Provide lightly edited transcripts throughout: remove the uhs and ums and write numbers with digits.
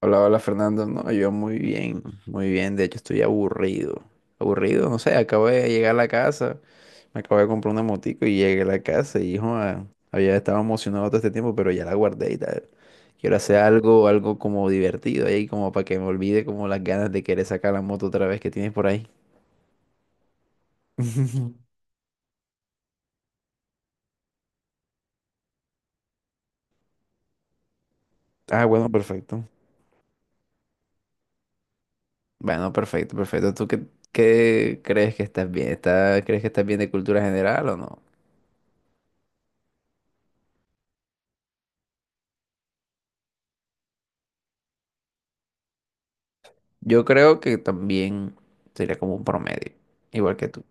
Hola, hola Fernando. No, yo muy bien, muy bien. De hecho, estoy aburrido. Aburrido, no sé, acabo de llegar a la casa. Me acabo de comprar una motico y llegué a la casa y joda, había estado emocionado todo este tiempo, pero ya la guardé y tal. Quiero hacer algo, como divertido ahí, como para que me olvide como las ganas de querer sacar la moto otra vez que tienes por ahí. Ah, bueno, perfecto. Bueno, perfecto, perfecto. ¿Tú qué crees que estás bien? ¿Estás, crees que estás bien de cultura general o no? Yo creo que también sería como un promedio, igual que tú.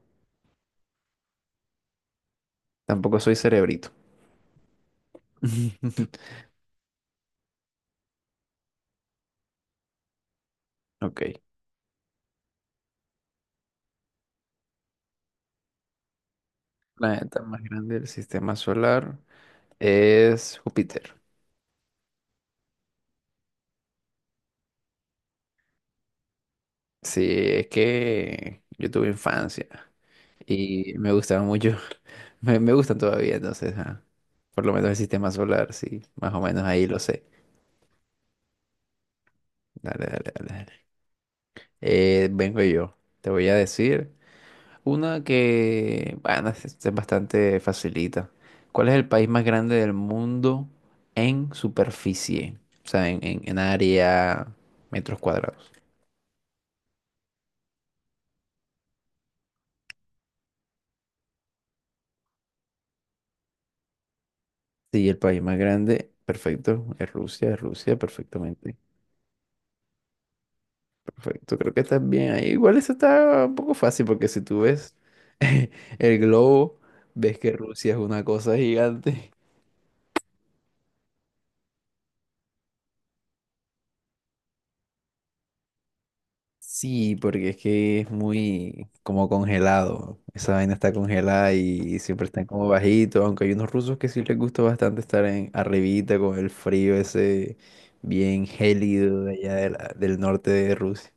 Tampoco soy cerebrito. Ok. Planeta más grande del sistema solar es Júpiter. Sí, es que yo tuve infancia y me gustaba mucho. Me gustan todavía, entonces, ajá. Por lo menos el sistema solar, sí. Más o menos ahí lo sé. Dale, dale, dale, dale. Vengo yo. Te voy a decir. Una que, bueno, es bastante facilita. ¿Cuál es el país más grande del mundo en superficie? O sea, en área, metros cuadrados. Sí, el país más grande, perfecto. Es Rusia, perfectamente. Perfecto, creo que estás bien ahí. Igual eso está un poco fácil porque si tú ves el globo, ves que Rusia es una cosa gigante. Sí, porque es que es muy como congelado. Esa vaina está congelada y siempre están como bajitos, aunque hay unos rusos que sí les gusta bastante estar en arribita con el frío ese bien gélido de allá de del norte de Rusia.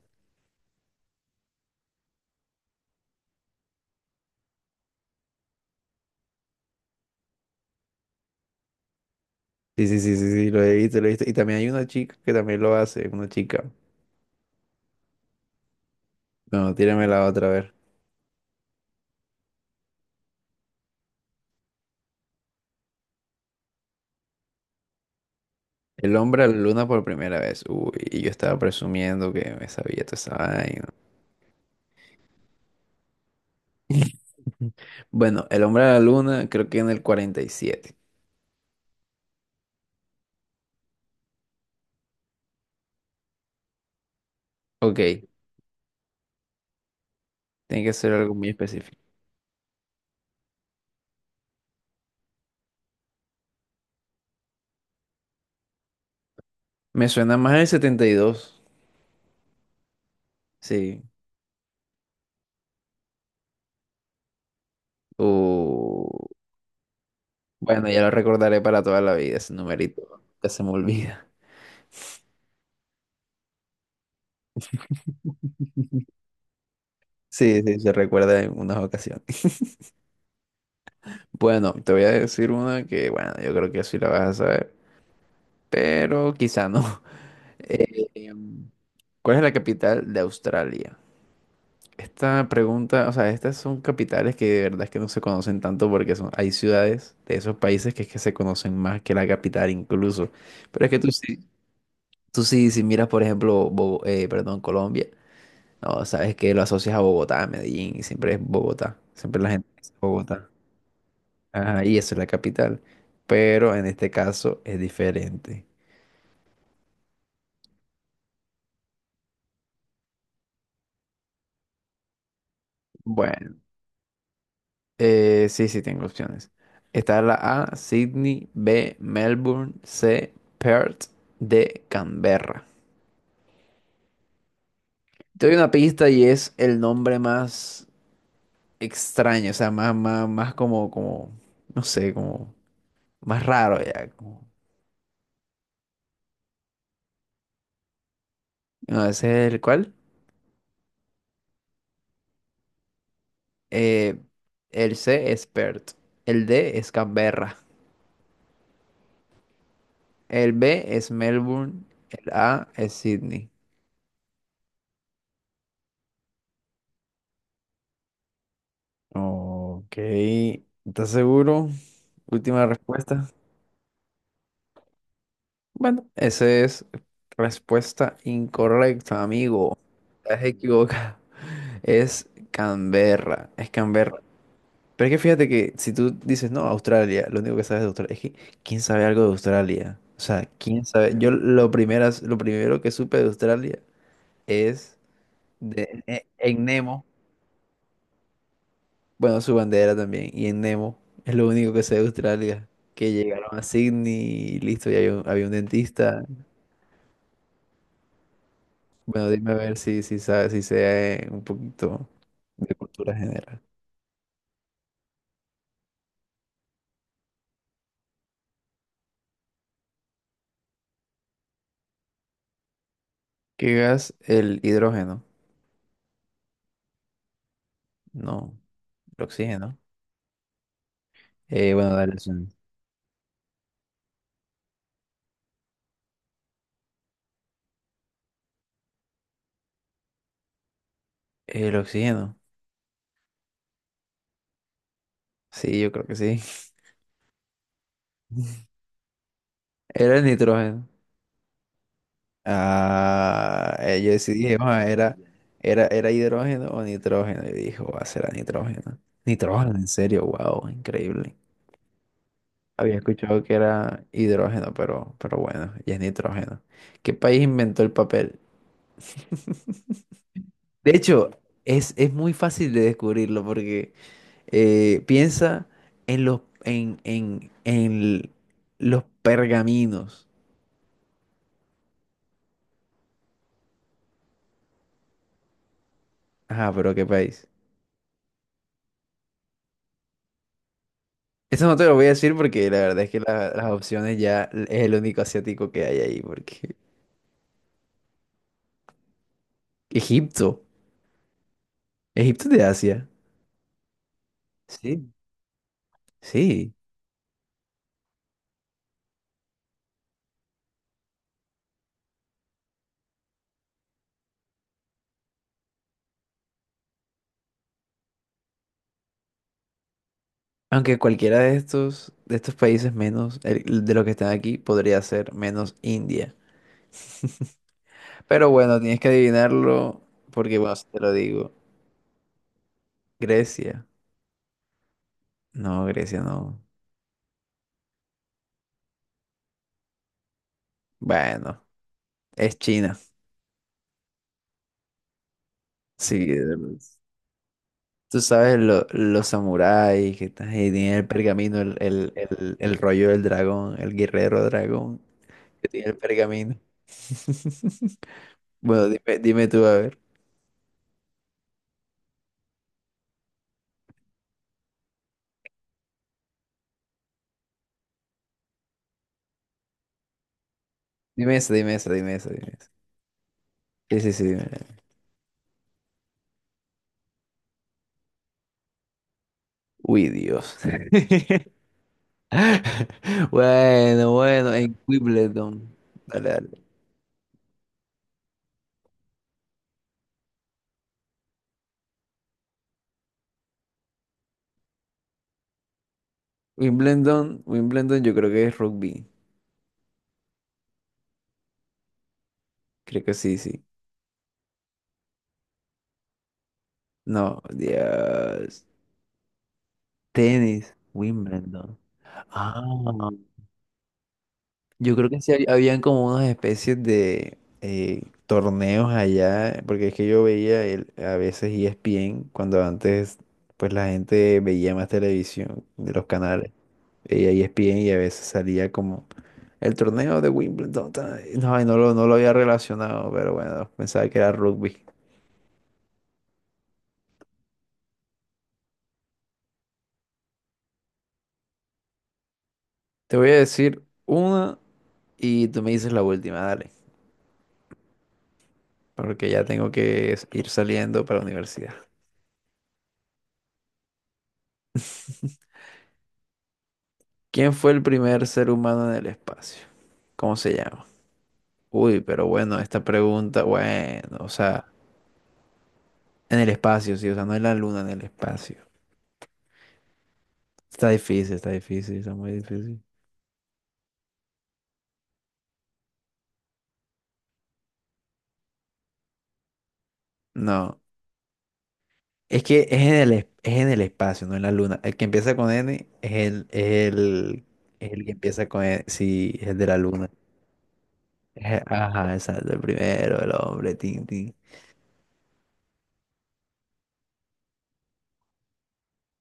Sí, sí, sí, sí, sí, lo he visto, lo he visto. Y también hay una chica que también lo hace, una chica. Bueno, tírame la otra vez. El hombre a la luna por primera vez. Uy, y yo estaba presumiendo que me sabía toda esa vaina. Bueno, el hombre a la luna creo que en el 47. Ok, tiene que ser algo muy específico. Me suena más el 72, sí. O... Bueno, ya lo recordaré para toda la vida, ese numerito que se me olvida. Sí, sí, se recuerda en unas ocasiones. Bueno, te voy a decir una que, bueno, yo creo que sí la vas a saber, pero quizá no. Eh, em, ¿Cuál es la capital de Australia? Esta pregunta, o sea, estas son capitales que de verdad es que no se conocen tanto porque son, hay ciudades de esos países que es que se conocen más que la capital incluso. Pero es que tú sí, si miras, por ejemplo, perdón, Colombia, no, sabes que lo asocias a Bogotá, a Medellín, y siempre es Bogotá, siempre la gente dice Bogotá. Ajá, y eso es la capital. Pero en este caso es diferente. Bueno. Sí, sí, tengo opciones. Está la A, Sydney, B, Melbourne, C, Perth, D, Canberra. Te doy una pista y es el nombre más extraño, o sea, más, más, más como, como, no sé, como más raro ya. Como... No, ese es el cual. Eh, el C es Perth, el D es Canberra, el B es Melbourne, el A es Sydney. Ok, ¿estás seguro? Última respuesta. Bueno, esa es respuesta incorrecta, amigo. Estás equivocado. Es Canberra, es Canberra. Pero es que fíjate que si tú dices, no, Australia, lo único que sabes de Australia, es que ¿quién sabe algo de Australia? O sea, ¿quién sabe? Yo lo primero que supe de Australia es en Nemo, bueno, su bandera también, y en Nemo es lo único que sé de Australia, que llegaron a Sydney y listo, y había un dentista. Bueno, dime a ver si, si sabes, si sé un poquito de cultura general. ¿Qué gas? El hidrógeno. No, el oxígeno. Bueno, dale. Son... El oxígeno. Sí, yo creo que sí. Era el nitrógeno. Ah, yo decidí, "Ah, era, era, era hidrógeno o nitrógeno. Y dijo, va a ser nitrógeno. Nitrógeno, en serio, wow, increíble. Había escuchado que era hidrógeno, pero bueno, ya es nitrógeno. ¿Qué país inventó el papel? De hecho, es muy fácil de descubrirlo porque piensa en los pergaminos. Ajá, pero qué país. Eso no te lo voy a decir porque la verdad es que las opciones ya es el único asiático que hay ahí. Porque Egipto. Egipto es de Asia. Sí. Sí. Aunque cualquiera de estos países menos de los que están aquí podría ser menos India. Pero bueno, tienes que adivinarlo porque, bueno, si te lo digo. Grecia. No, Grecia no. Bueno, es China. Sí, de tú sabes los samuráis que están ahí, tienen el pergamino, el rollo del dragón, el guerrero dragón que tiene el pergamino. Bueno, dime, dime tú, a ver. Dime eso, dime eso, dime eso, dime eso. Sí, sí, sí, dime. Uy, Dios. Bueno, bueno, en Wimbledon. Dale, dale. Wimbledon, Wimbledon yo creo que es rugby. Creo que sí, sí. No, Dios. Tenis, Wimbledon. Ah, yo creo que sí habían como unas especies de torneos allá, porque es que yo veía el, a veces ESPN, cuando antes pues la gente veía más televisión de los canales, veía ESPN y a veces salía como el torneo de Wimbledon. Ta... No, y no lo, no lo había relacionado, pero bueno, pensaba que era rugby. Te voy a decir una y tú me dices la última, dale. Porque ya tengo que ir saliendo para la universidad. ¿Quién fue el primer ser humano en el espacio? ¿Cómo se llama? Uy, pero bueno, esta pregunta, bueno, o sea, en el espacio, sí, o sea, no en la luna, en el espacio. Está difícil, está difícil, está muy difícil. No, es que es en el espacio, no en la luna. El que empieza con N es el que empieza con N, sí, es el de la luna. Es... Ajá, exacto, el primero, el hombre, tin, tin.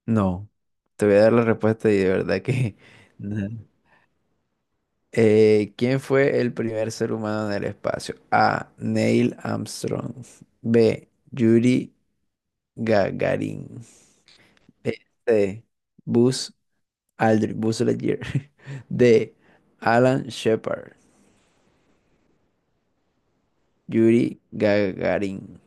No, te voy a dar la respuesta y de verdad que... no. ¿Quién fue el primer ser humano en el espacio? A. Neil Armstrong. B. Yuri Gagarin. E, C. Buzz Aldrin. Buzz Lightyear. D. Alan Shepard. Yuri Gagarin.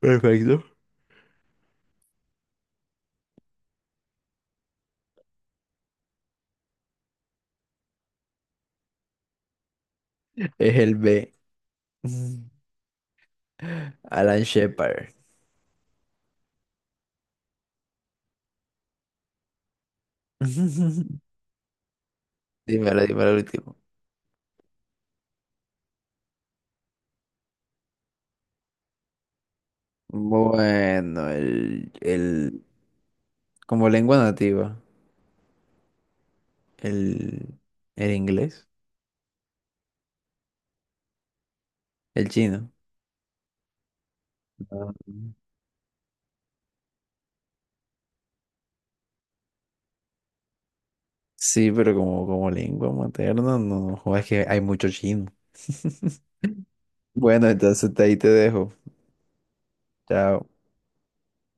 Perfecto. Es el B. Alan Shepard. Dímelo, dímelo el último. Bueno, el Como lengua nativa, el, el inglés, el chino. Ah. Sí, pero como, como lengua materna, no, joder, es que hay mucho chino. Bueno, entonces ahí te dejo. Chao.